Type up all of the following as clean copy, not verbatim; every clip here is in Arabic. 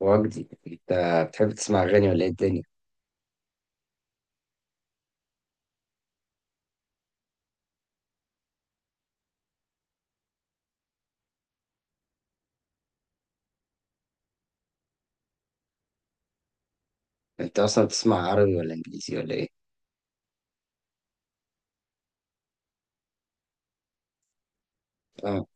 وجدي، انت بتحب تسمع اغاني ولا ايه الدنيا؟ انت اصلا بتسمع عربي ولا انجليزي ولا ايه؟ اه.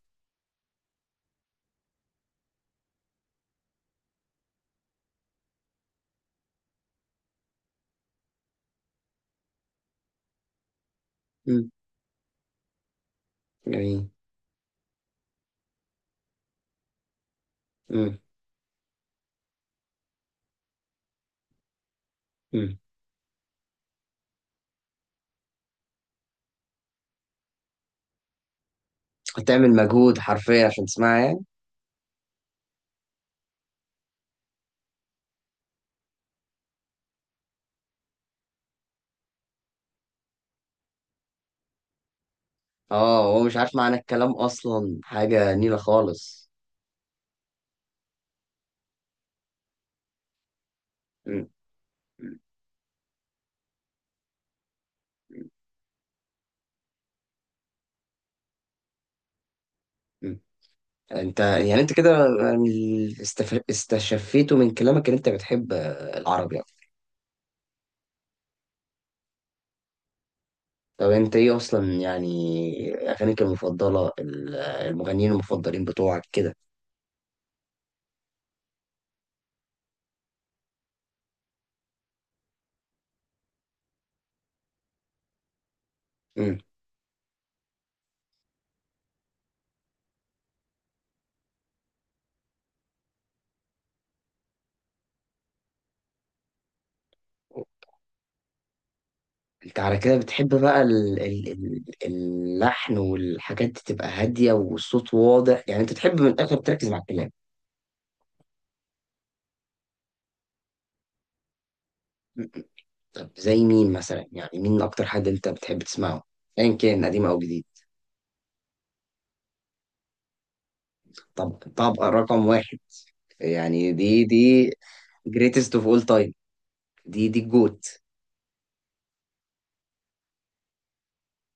امم، جميل. امم. امم. هتعمل مجهود حرفيا عشان تسمعها يعني؟ اه، هو مش عارف معنى الكلام اصلا، حاجه نيله خالص. امم. امم. انت يعني انت كده، استشفيته من كلامك ان انت بتحب العربي يعني. طب انت ايه اصلا، يعني اغانيك المفضله، المغنيين المفضلين بتوعك كده؟ امم. انت على كده بتحب بقى اللحن والحاجات دي تبقى هادية والصوت واضح، يعني انت تحب من الاخر تركز مع الكلام. م- طب زي مين مثلا، يعني مين اكتر حد انت بتحب تسمعه؟ ايا كان قديم او جديد. طب، طبقة رقم 1. يعني دي greatest of all time، دي الجوت.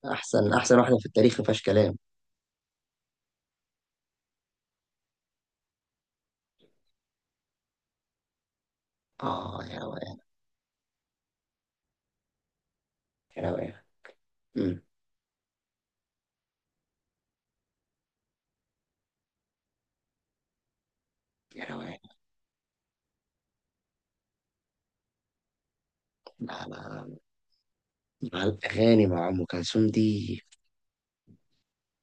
احسن واحدة في التاريخ ما فيهاش كلام. اه، يا روقان. يا روقان. امم. يا روقان. لا لا لا. مع الاغاني مع ام كلثوم دي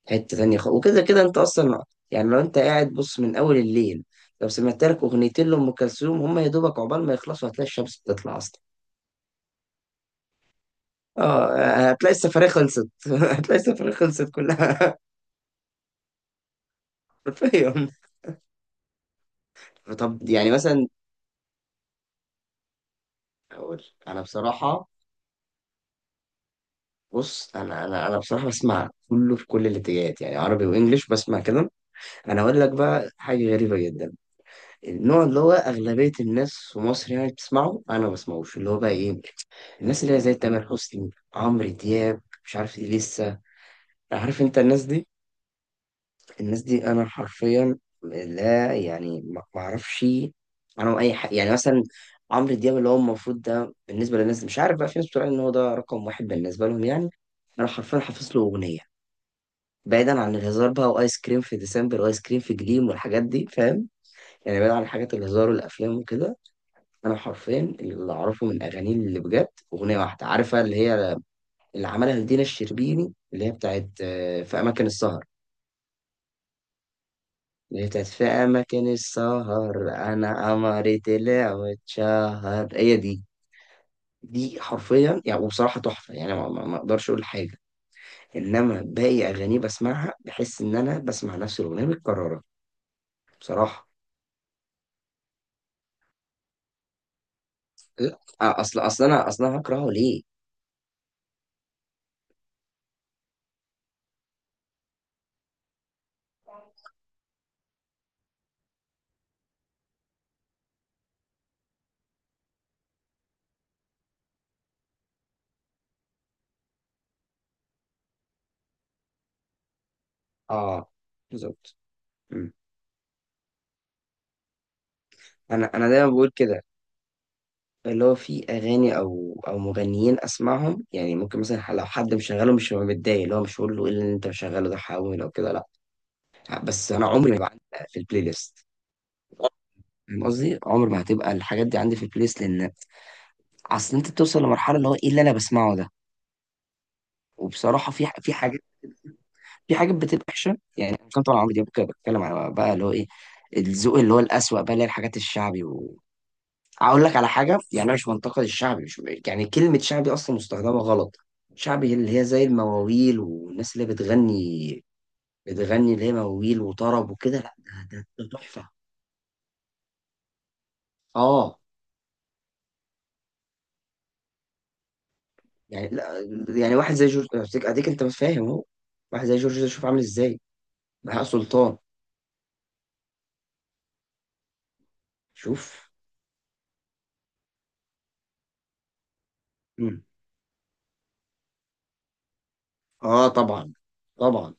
حتة تانية خالص، وكده كده انت اصلا. يعني لو انت قاعد بص من اول الليل، لو سمعت لك 2 اغاني لام كلثوم هم يا دوبك عقبال ما يخلصوا هتلاقي الشمس بتطلع اصلا. اه. هتلاقي السفرية خلصت هتلاقي السفرية خلصت كلها. حرفيا. طب يعني مثلا، اقول انا بصراحة. بص، انا بصراحة بسمع كله في كل الاتجاهات، يعني عربي وانجليش بسمع كده. انا اقول لك بقى حاجة غريبة جدا. النوع اللي هو اغلبية الناس في مصر يعني بتسمعه انا ما بسمعوش، اللي هو بقى ايه، الناس اللي هي زي تامر حسني، عمرو دياب، مش عارف ايه لسه. عارف انت الناس دي؟ الناس دي انا حرفيا لا، يعني ما اعرفش. انا اي حاجه، يعني مثلا عمرو دياب اللي هو المفروض ده بالنسبه للناس مش عارف، بقى في ناس بتقول ان هو ده رقم 1 بالنسبه لهم يعني. انا حرفيا حافظ له اغنيه. بعيدا عن الهزار بقى، وايس كريم في ديسمبر وايس كريم في جليم والحاجات دي فاهم، يعني بعيدا عن حاجات الهزار والافلام وكده. انا حرفيا اللي اعرفه من اغانيه اللي بجد اغنيه واحده، عارفه اللي هي اللي عملها لدينا الشربيني اللي هي بتاعت في أماكن السهر. اللي هي بتاعت في أماكن السهر، أنا قمري طلع واتشهر، هي دي. دي حرفيا يعني وبصراحة تحفة، يعني ما أقدرش أقول حاجة. إنما باقي أغانيه بسمعها بحس إن أنا بسمع نفس الأغنية متكررة بصراحة. لا، أصل أنا هكرهه ليه؟ آه، بالظبط. مم. أنا دايما بقول كده. اللي هو في اغاني او مغنيين اسمعهم، يعني ممكن مثلا لو حد مشغله مش هبقى متضايق، اللي هو مش هقول له ايه اللي انت مشغله ده، حاول او كده لا. بس انا عمري ما يبقى عندي في البلاي ليست. فاهم قصدي، عمر ما هتبقى الحاجات دي عندي في البلاي ليست، لان اصل انت بتوصل لمرحله اللي هو ايه اللي انا بسمعه ده. وبصراحه في حاجات، في حاجات بتبقى وحشه، يعني انا مش طبعا عمري دي بتكلم على بقى اللي هو ايه، الذوق اللي هو الأسوأ بقى، اللي هي الحاجات الشعبي. اقول لك على حاجه، يعني أنا مش منتقد الشعبي، مش يعني كلمه شعبي اصلا مستخدمه غلط. شعبي اللي هي زي المواويل والناس اللي هي بتغني، بتغني اللي هي مواويل وطرب وكده لا. ده تحفه. اه. يعني لا، يعني واحد زي جورج، اديك انت مش فاهم اهو. واحد زي جورج ده شوف عامل ازاي. بهاء سلطان، شوف. مم. اه، طبعا. طبعا.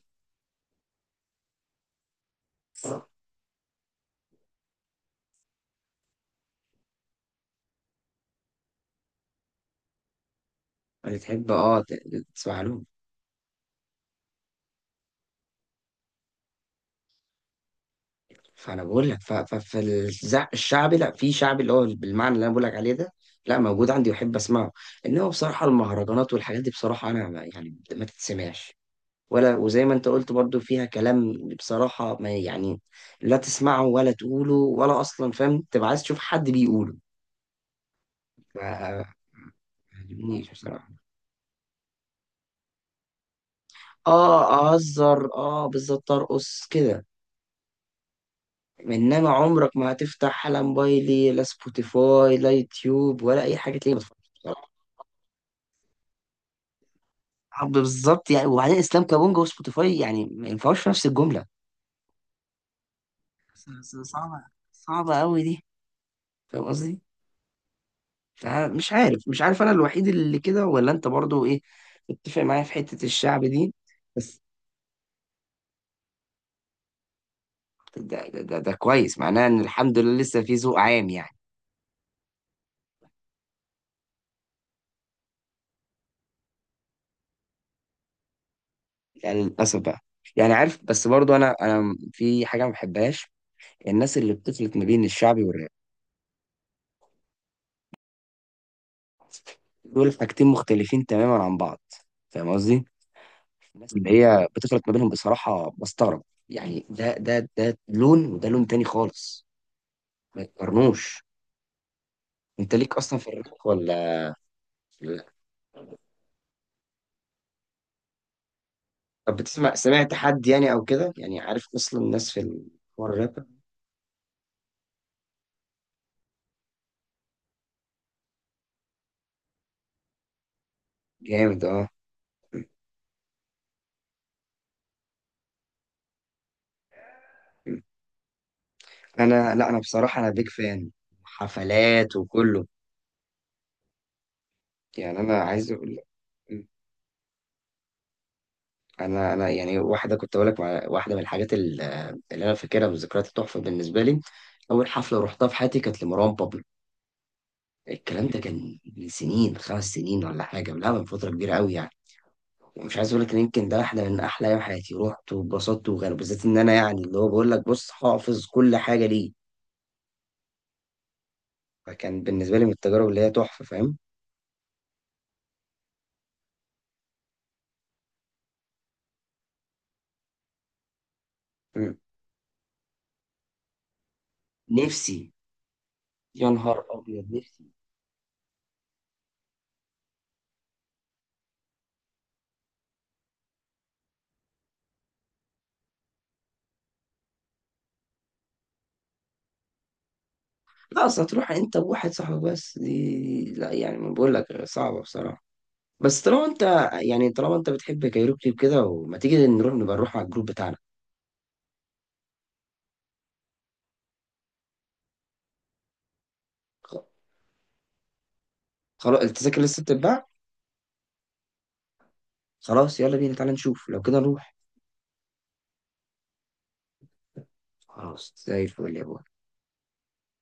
بتحب اه تسمع له. فانا بقول لك فالشعبي، لا، في شعبي اللي هو بالمعنى اللي انا بقول لك عليه ده، لا موجود عندي واحب اسمعه. انما بصراحه المهرجانات والحاجات دي بصراحه انا يعني ما تتسمعش، ولا وزي ما انت قلت برضو فيها كلام. بصراحه، ما يعني، لا تسمعه ولا تقوله ولا اصلا فاهم تبقى عايز تشوف حد بيقوله. ف- ما عجبنيش بصراحه اه، اهزر. اه، بالظبط، ارقص كده. انما عمرك ما هتفتح لا موبايلي لا سبوتيفاي لا يوتيوب ولا اي حاجه تلاقيني بتفرج. حب، بالظبط يعني. وبعدين اسلام كابونجا وسبوتيفاي يعني ما ينفعوش في نفس الجمله. صعبه، صعبه قوي دي. فاهم قصدي. فمش عارف، مش عارف انا الوحيد اللي كده ولا انت برضو ايه، اتفق معايا في حته الشعب دي؟ بس ده كويس، معناه ان الحمد لله لسه في ذوق عام يعني. يعني للاسف بقى. يعني عارف، بس برضو انا في حاجه ما بحبهاش، الناس اللي بتفلت ما بين الشعبي والراب. دول حاجتين مختلفين تماما عن بعض، فاهم قصدي. الناس اللي هي بتفرق ما بينهم بصراحة بستغرب. يعني ده لون وده لون تاني خالص، ما يتقارنوش. انت ليك اصلا في الراب ولا لا؟ طب بتسمع، سمعت حد يعني او كده، يعني عارف اصلا الناس في الحوار الراب؟ جامد اه. انا لا، انا بصراحة انا بيج فان، حفلات وكله. يعني انا عايز اقول لك، انا يعني واحده كنت اقول لك واحده من الحاجات اللي انا فاكرها والذكريات التحفه بالنسبه لي. اول حفله رحتها في حياتي كانت لمروان بابلو. الكلام ده كان من سنين، 5 سنين ولا حاجة، لا من فترة كبيرة قوي يعني. ومش عايز اقول لك ان يمكن ده واحدة من احلى ايام حياتي، رحت واتبسطت، وغير بالذات ان انا يعني اللي هو بقول لك بص، حافظ كل حاجة ليه. فكان بالنسبة لي من التجارب اللي هي تحفة، فاهم. مم. نفسي، يا نهار ابيض نفسي. لا، اصل هتروح انت وواحد صاحبك بس دي لا، يعني ما بقول لك صعبة بصراحة. بس طالما انت، يعني طالما انت بتحب كايروكي وكده، وما تيجي نروح، نبقى نروح على الجروب بتاعنا. خلاص، التذاكر لسه بتتباع. خلاص، يلا بينا، تعالى نشوف لو كده نروح. خلاص، زي الفل يا بابا.